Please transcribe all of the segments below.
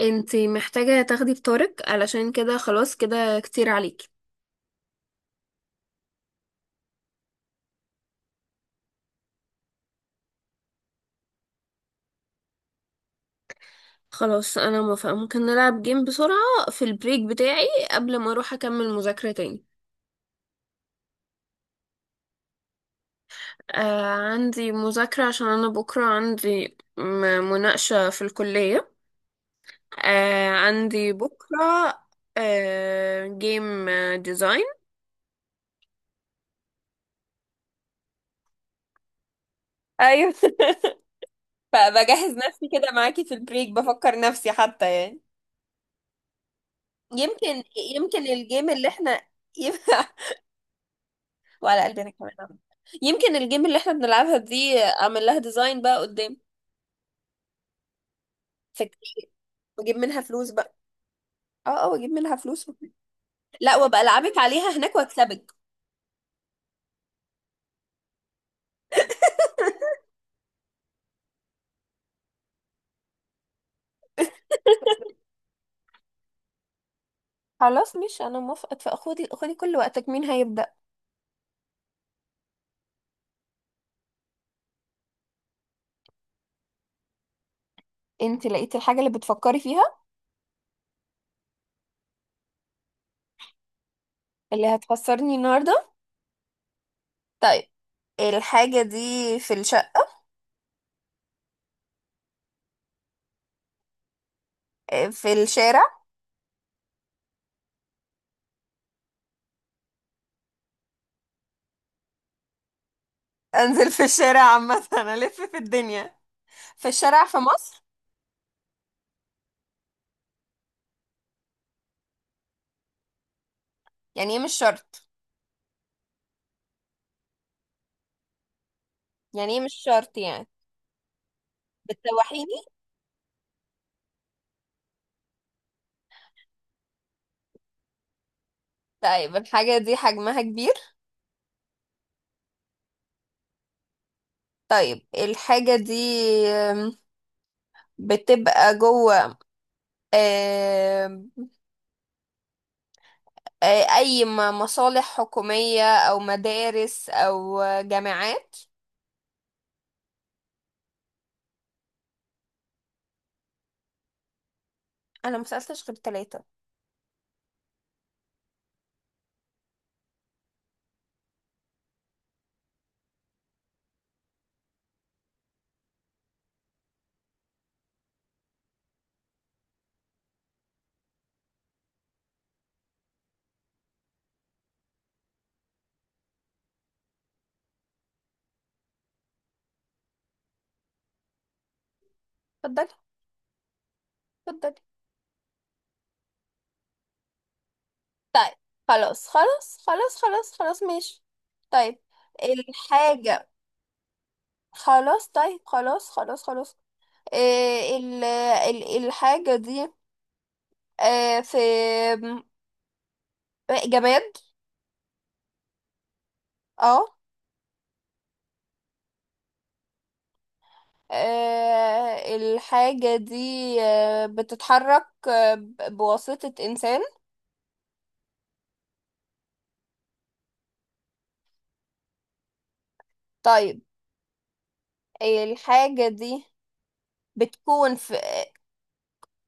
انتي محتاجة تاخدي بطارق علشان كده، خلاص كده كتير عليكي. خلاص انا موافقة، ممكن نلعب جيم بسرعة في البريك بتاعي قبل ما اروح اكمل مذاكرة تاني. آه، عندي مذاكرة عشان انا بكرة عندي مناقشة في الكلية. آه عندي بكرة. آه جيم، ديزاين. ايوه فبجهز نفسي كده معاكي في البريك، بفكر نفسي حتى يعني. يمكن. يمكن الجيم اللي احنا وعلى قلبنا كمان يمكن الجيم اللي احنا بنلعبها دي اعمل لها ديزاين بقى قدام. فكتير. واجيب منها فلوس بقى. اه اه، واجيب منها فلوس وكده. لا، وابقى العبك عليها هناك واكسبك. خلاص، مش انا موافقه، فخدي كل وقتك. مين هيبدأ؟ انت لقيتي الحاجه اللي بتفكري فيها؟ اللي هتخسرني النهارده؟ طيب، الحاجه دي في في الشارع؟ انزل في الشارع عامه انا الف في الدنيا. في الشارع في مصر؟ يعني ايه مش شرط؟ يعني ايه مش شرط يعني؟ بتسوحيني؟ طيب الحاجة دي حجمها كبير؟ طيب الحاجة آم، بتبقى جوه؟ آم، أي مصالح حكومية أو مدارس أو جامعات؟ أنا مسألتش غير تلاتة. اتفضلي. اتفضلي. طيب خلاص خلاص ماشي. طيب الحاجة، خلاص طيب خلاص خلاص. الحاجة دي في جماد؟ اه. الحاجة دي بتتحرك بواسطة إنسان؟ طيب الحاجة دي بتكون في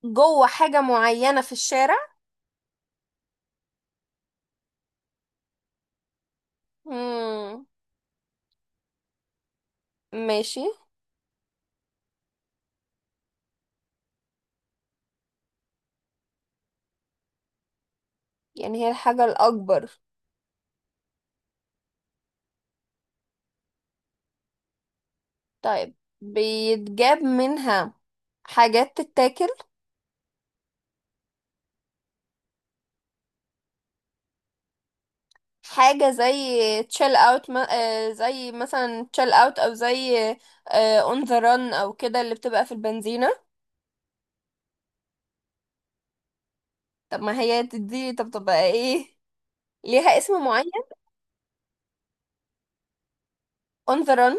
جوه حاجة معينة في الشارع؟ مم. ماشي. يعني هي الحاجة الأكبر؟ طيب بيتجاب منها حاجات تتاكل؟ حاجة زي تشيل اوت ما... زي مثلا تشيل اوت او زي اون ذا رن او كده، اللي بتبقى في البنزينة. طب ما هي دي، طب تبقى ايه؟ ليها اسم معين؟ on the run؟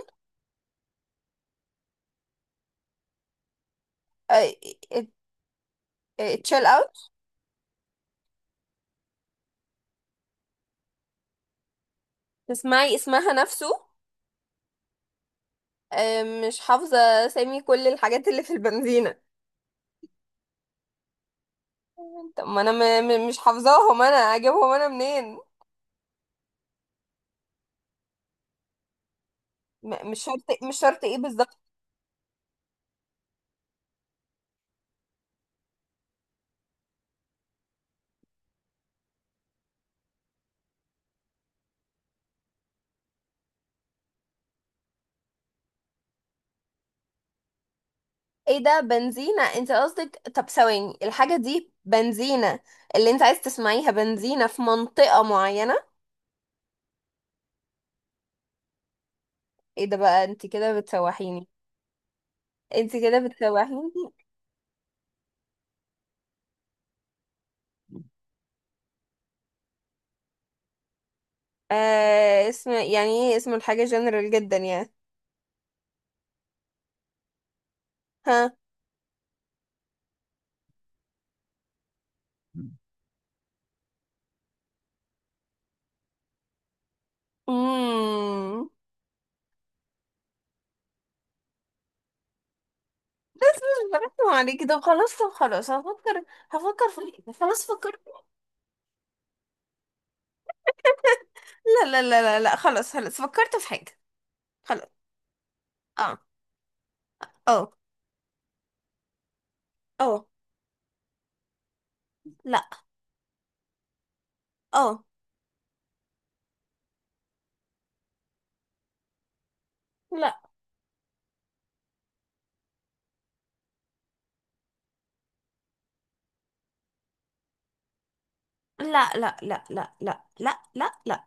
آه، it- chill out؟ تسمعي اسمها نفسه؟ آه، مش حافظة سامي كل الحاجات اللي في البنزينة. طب ما انا م م مش حافظاهم، انا اجيبهم انا منين؟ مش شرط مش شرط ايه بالظبط؟ ايه ده، بنزينة انت قصدك؟ طب ثواني، الحاجة دي بنزينة اللي انت عايز تسمعيها؟ بنزينة في منطقة معينة؟ ايه ده بقى، انت كده بتسوحيني. انت كده بتسوحيني. آه، اسم يعني ايه اسم الحاجة جنرال جدا يعني؟ ها؟ امم. بس مش بركز عليكي. طب خلاص، طب خلاص، هفكر. هفكر في حاجة. خلاص فكرت. لا خلاص خلاص فكرت في حاجة. خلاص. اه. اه. اه. لا. اه. لا لا لا، لا لا لا لا لا لا.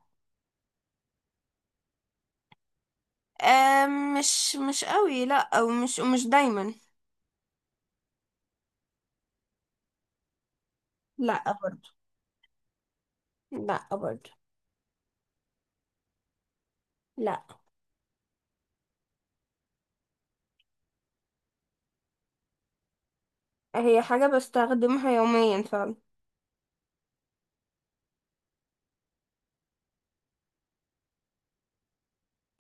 آه، مش قوي، لا. او مش دايما. لا برضو. لا برضو. لا. هي حاجة بستخدمها يوميا فعلا.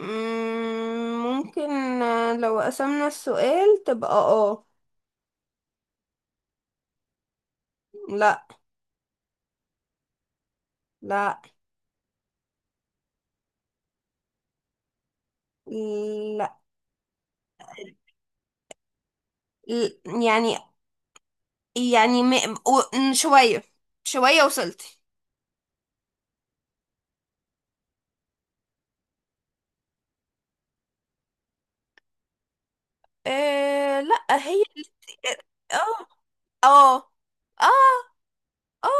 مم، ممكن. آه، لو قسمنا السؤال تبقى اه. لا. لا. لا. ل- يعني، يعني م... شوية. شوية وصلت. آه لا هي اه اه اه اه.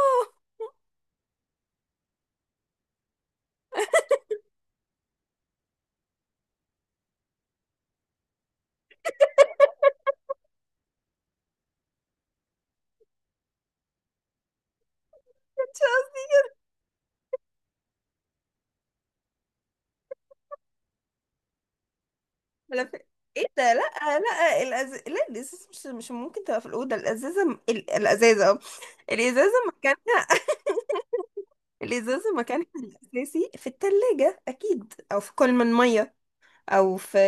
على فكرة، ايه ده، لا. لا لا، الازازه مش ممكن تبقى في الاوضه. الازازه الازازه اه. الازازه مكانها الازازه مكانها الاساسي في الثلاجه اكيد، او في كل من ميه، او في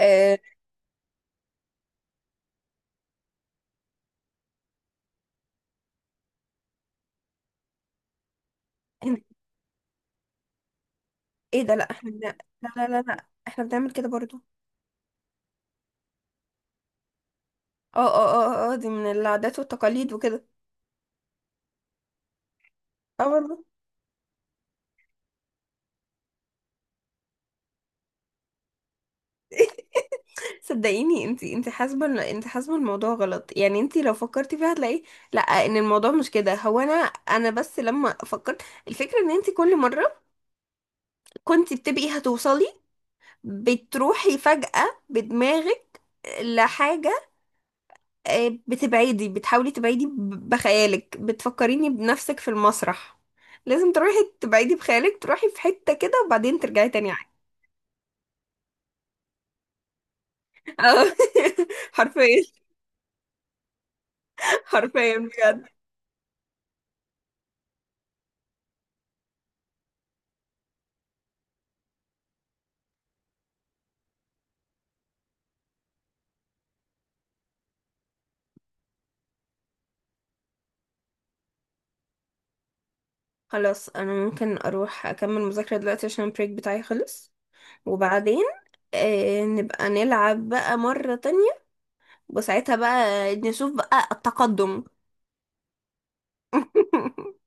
آه... ايه ده، لا احنا لا احنا بنعمل كده برضو. اه اه اه اه دي من العادات والتقاليد وكده. اه والله. صدقيني انتي، حاسبه انتي حاسبه الموضوع غلط، يعني انتي لو فكرتي فيها هتلاقي لا، ان الموضوع مش كده. هو انا بس لما فكرت، الفكره ان انتي كل مره كنتي بتبقي هتوصلي، بتروحي فجأة بدماغك لحاجة، آه، بتبعدي، بتحاولي تبعدي بخيالك، بتفكريني بنفسك في المسرح. لازم تروحي تبعدي بخيالك، تروحي في حتة كده وبعدين ترجعي تاني. اه حرفيا. حرفيا بجد. خلاص انا ممكن اروح اكمل مذاكرة دلوقتي عشان البريك بتاعي خلص. وبعدين آه نبقى نلعب بقى مرة تانية، وساعتها بقى نشوف بقى التقدم.